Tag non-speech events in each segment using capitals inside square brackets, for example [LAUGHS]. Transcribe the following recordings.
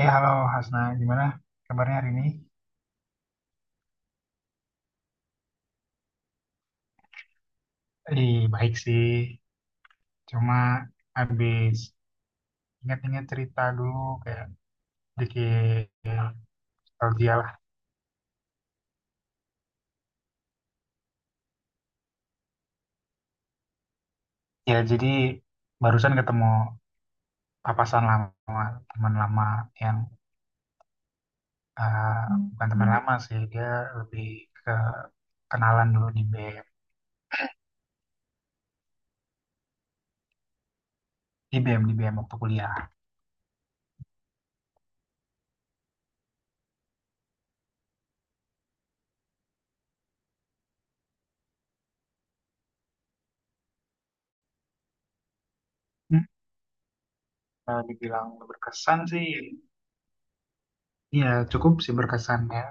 Eh, halo Hasna, gimana kabarnya hari ini? Ih, baik sih. Cuma habis ingat-ingat cerita dulu, kayak dikit nostalgia lah. Ya, jadi barusan ketemu papasan lama, teman lama yang eh, bukan teman lama sih, dia lebih ke kenalan dulu di BM, di BM, di BM waktu kuliah. Hmm. Kalau dibilang berkesan sih, ya cukup sih berkesan ya.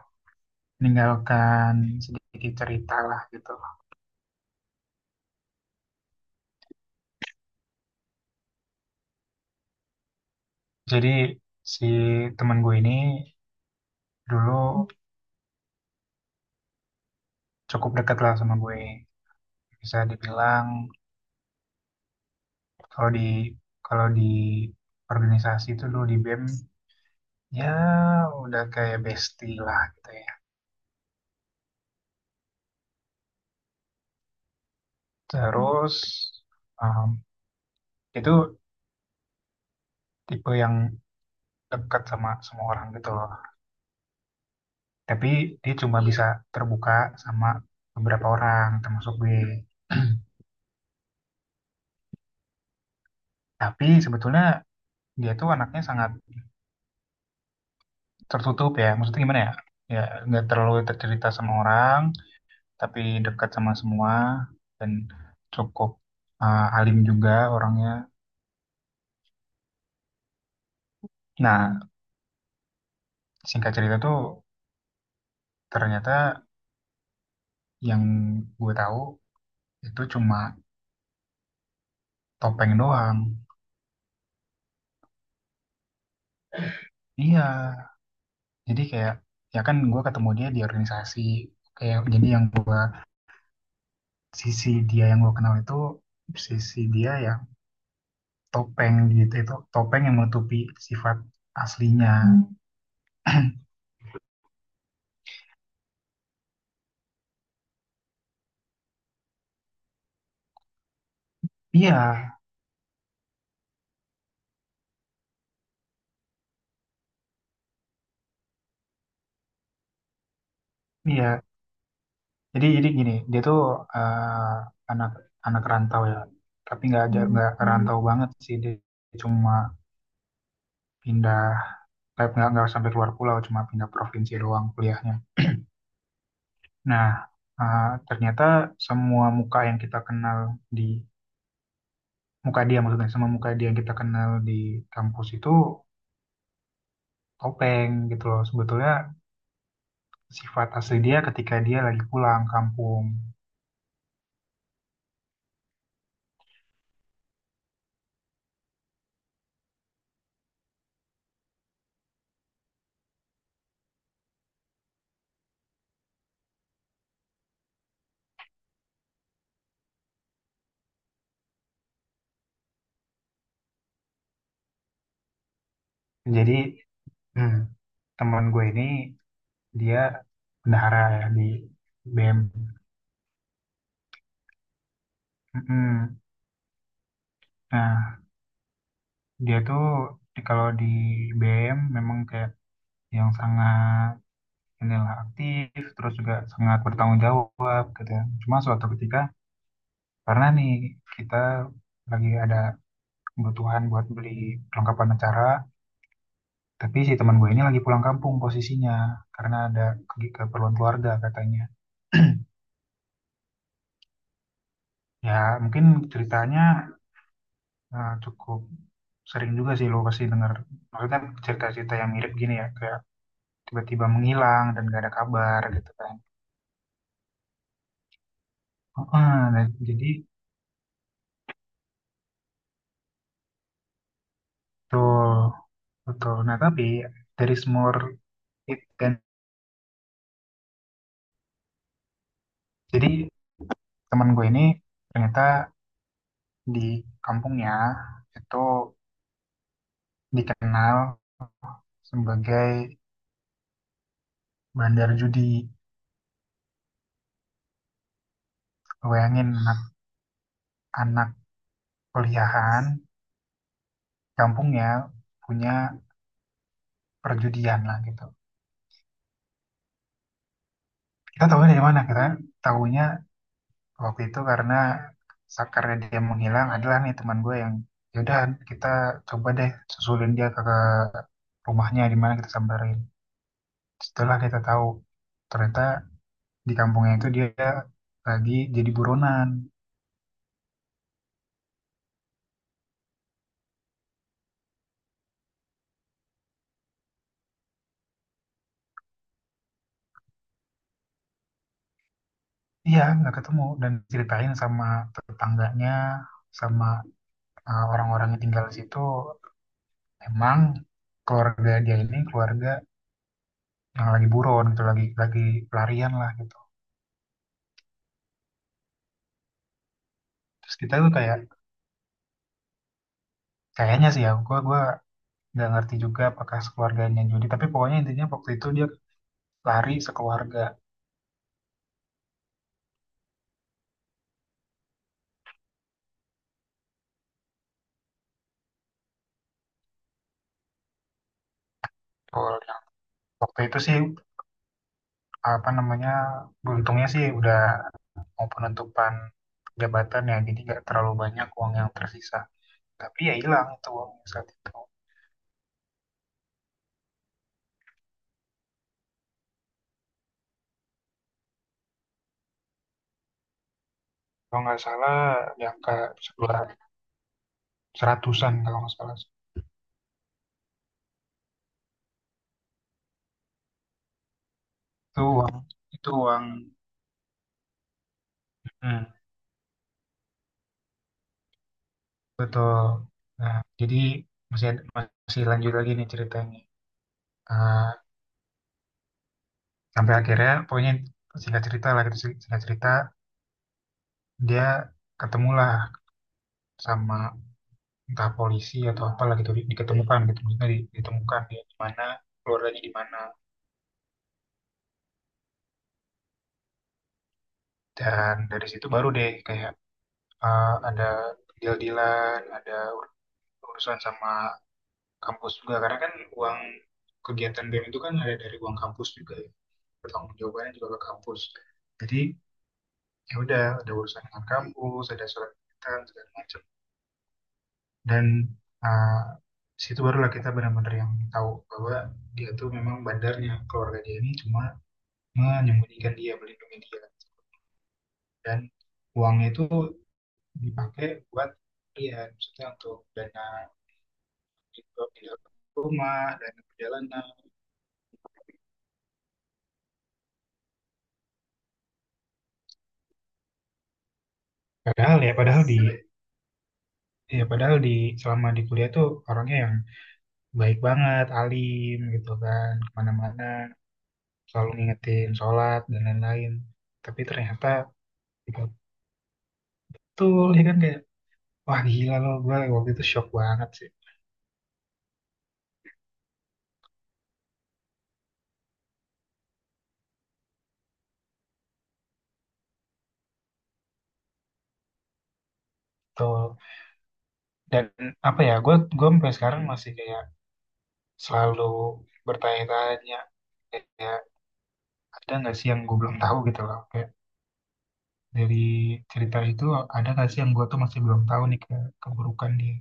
Meninggalkan sedikit cerita lah gitu. Jadi si teman gue ini dulu cukup dekat lah sama gue. Bisa dibilang kalau di kalau di organisasi itu dulu di BEM, ya udah kayak bestie lah gitu ya. Terus um, itu tipe yang dekat sama semua orang gitu loh. Tapi dia cuma bisa terbuka sama beberapa orang termasuk gue. [CLEARS THROAT] Tapi sebetulnya dia tuh anaknya sangat tertutup ya, maksudnya gimana ya, ya nggak terlalu tercerita sama orang tapi dekat sama semua dan cukup alim juga orangnya. Nah, singkat cerita tuh ternyata yang gue tahu itu cuma topeng doang. Iya, jadi kayak, ya kan gue ketemu dia di organisasi, kayak jadi yang gue sisi dia yang gue kenal itu sisi dia yang topeng gitu, itu topeng yang menutupi sifat aslinya. Hmm. Iya, iya, jadi gini, dia tuh eh, anak anak rantau ya, tapi nggak aja nggak. Mhm. Rantau banget sih, dia cuma pindah, kayak nggak sampai keluar pulau, cuma pindah provinsi doang kuliahnya. Nah, eh, ternyata semua muka yang kita kenal di muka dia maksudnya, semua muka dia yang kita kenal di kampus itu topeng gitu loh. Sebetulnya sifat asli dia ketika dia lagi pulang kampung. Jadi, hmm, teman gue ini dia bendahara ya di BM. Mm-mm. Nah, dia tuh kalau di BM memang kayak yang sangat inilah aktif, terus juga sangat bertanggung jawab gitu ya. Cuma suatu ketika, karena nih kita lagi ada kebutuhan buat beli perlengkapan acara, tapi si teman gue ini lagi pulang kampung posisinya, karena ada keperluan keluarga katanya. [CLEARS THROAT] Ya, mungkin ceritanya, nah, cukup sering juga sih lo pasti dengar. Maksudnya cerita-cerita yang mirip gini ya, kayak tiba-tiba menghilang dan gak ada kabar gitu kan. Heeh, nah, jadi betul, betul. Nah, tapi dari more it kan. Jadi teman gue ini ternyata di kampungnya itu dikenal sebagai bandar judi. Lo bayangin anak kuliahan kampungnya punya perjudian lah gitu. Kita tahunya dari mana? Kita tahunya waktu itu karena sakarnya dia menghilang adalah nih teman gue yang yaudah kita coba deh susulin dia ke rumahnya di mana kita samperin. Setelah kita tahu ternyata di kampungnya itu dia lagi jadi buronan. Iya, nggak ketemu dan ceritain sama tetangganya, sama eh, orang-orang yang tinggal di situ. Emang keluarga dia ini keluarga yang lagi buron gitu, lagi pelarian lah gitu. Terus kita tuh kayak, kayaknya sih ya, gua nggak ngerti juga apakah sekeluarganya Jody. Tapi pokoknya intinya waktu itu dia lari sekeluarga. Gol. Yang waktu itu sih apa namanya, beruntungnya sih udah mau penentupan jabatan ya, jadi nggak terlalu banyak uang yang tersisa. Tapi ya hilang itu uangnya saat itu. Kalau nggak salah di angka sebelah 100-an kalau nggak salah. Itu uang, itu uang. Hmm, betul. Nah, jadi masih masih lanjut lagi nih ceritanya. Eh, sampai akhirnya pokoknya singkat cerita lah gitu singkat cerita dia ketemulah sama entah polisi atau apalah gitu diketemukan gitu maksudnya ditemukan dia di mana keluarganya di mana. Dan dari situ baru deh kayak eh, ada deal-dealan, ada ur- urusan sama kampus juga karena kan uang kegiatan BEM itu kan ada dari uang kampus juga ya, pertanggung jawabannya juga ke kampus. Jadi ya udah ada urusan dengan kampus, ada surat kegiatan segala macam. Dan eh, situ barulah kita benar-benar yang tahu bahwa dia tuh memang bandarnya, keluarga dia ini cuma menyembunyikan dia melindungi dia. Dan uangnya itu dipakai buat dia maksudnya untuk dana untuk pindah rumah dan perjalanan. Padahal ya padahal di ya padahal di selama di kuliah tuh orangnya yang baik banget alim gitu kan kemana-mana selalu ngingetin sholat dan lain-lain. Tapi ternyata betul ya kan kayak, wah gila loh, gue waktu itu shock banget sih. Tuh. Dan apa ya, gue sampai sekarang masih kayak selalu bertanya-tanya kayak ada nggak sih yang gue belum tahu gitu loh. Kayak dari cerita itu ada nggak sih yang gue tuh masih belum tahu nih ke keburukan dia.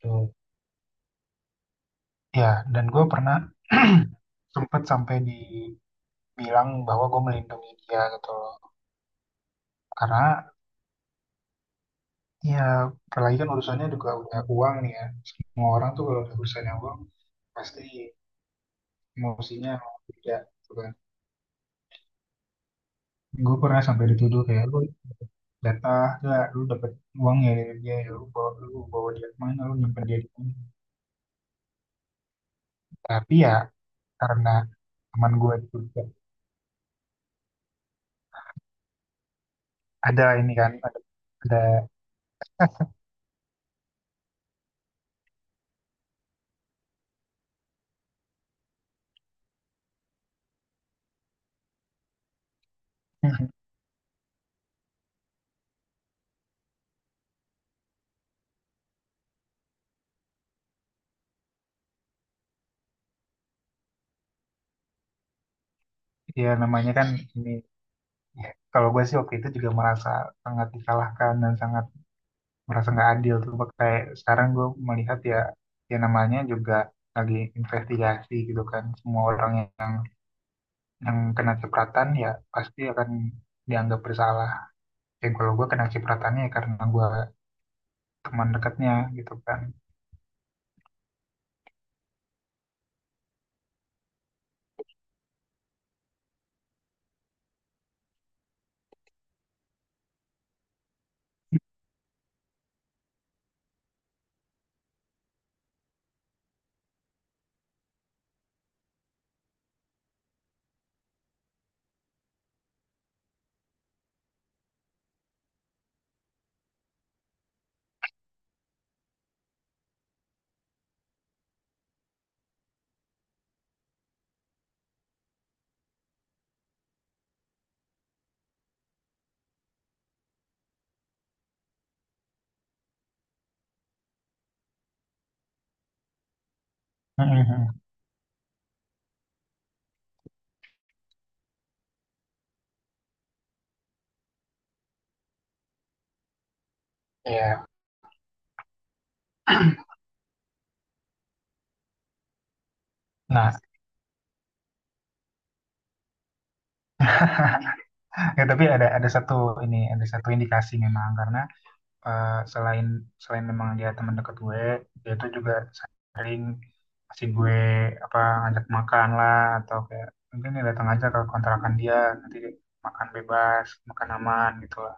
Tuh. Ya, dan gue pernah [CLEARS THROAT] sempat sampai dibilang bahwa gue melindungi dia gitu loh. Karena ya apalagi kan urusannya juga udah uang nih ya. Semua orang tuh kalau udah urusannya uang pasti emosinya tidak gitu kan. Gue pernah sampai dituduh kayak lu jatah gak lu dapet uang ya dari dia ya lu bawa dia kemana lu nyimpen dia di mana. Tapi ya karena teman gue itu juga ada ini kan ada [LAUGHS] ya namanya kan ini ya, kalau gue sih waktu itu juga merasa sangat disalahkan dan sangat merasa nggak adil tuh. Kayak sekarang gue melihat ya, ya namanya juga lagi investigasi gitu kan semua orang yang kena cipratan ya pasti akan dianggap bersalah. Ya kalau gue kena cipratannya ya karena gue teman dekatnya gitu kan. Mhm. Ya, nah, ya, tapi ada satu ini ada satu indikasi memang karena eh, selain selain memang dia teman dekat gue, dia tuh juga sering kasih gue apa ngajak makan lah atau kayak mungkin ya datang aja ke kontrakan dia, nanti makan bebas, makan aman gitu lah.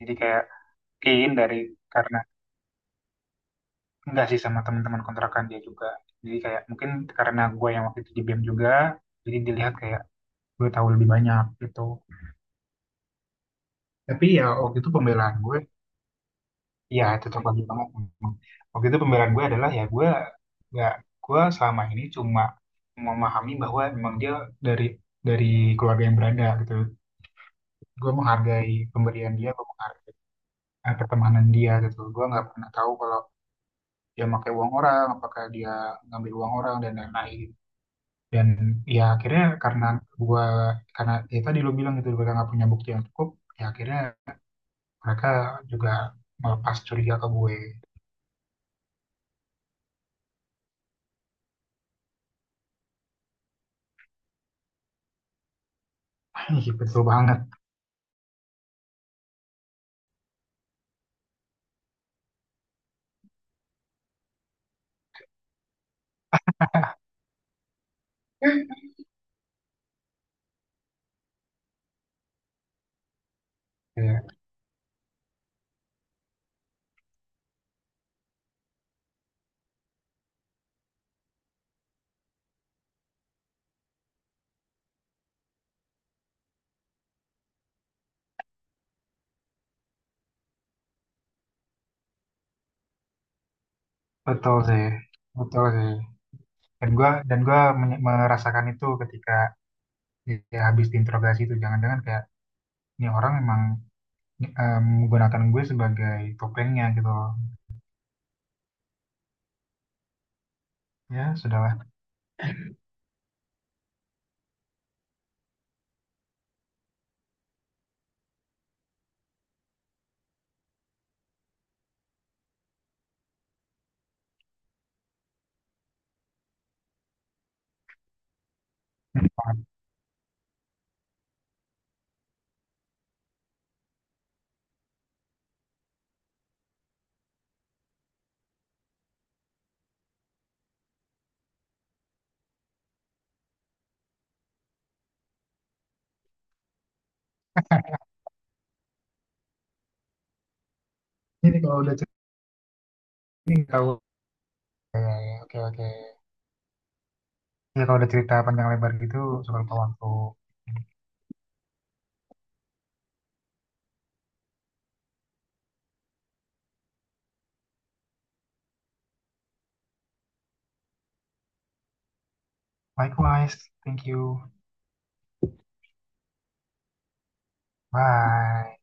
Jadi kayak mungkin dari karena, enggak sih sama teman-teman kontrakan dia juga. Jadi kayak mungkin karena gue yang waktu itu di BEM juga, jadi dilihat kayak gue tahu lebih banyak gitu. Tapi ya waktu itu pembelaan gue, ya cocok lagi banget. Memang. Waktu itu pembelaan gue adalah ya gue nggak gue selama ini cuma memahami bahwa memang dia dari dari keluarga yang berada gitu. Gue menghargai pemberian dia, gue menghargai eh, pertemanan dia gitu. Gue nggak pernah tahu kalau dia pakai uang orang, apakah dia ngambil uang orang dan lain-lain. Dan ya akhirnya gua karena ya tadi lo bilang gitu mereka nggak punya bukti yang cukup, ya akhirnya mereka juga melepas curiga ke gue. [LAUGHS] Ih, betul banget. Iya, betul sih, betul sih. Dan gua merasakan itu ketika ya habis diinterogasi itu jangan-jangan kayak ini orang emang eh, menggunakan gue sebagai topengnya gitu loh. Ya sudahlah, ini kalau udah cerita ini tahu ya, ya, oke oke, ya kalau udah cerita panjang lebar gitu soal waktu. Likewise, thank you. Bye.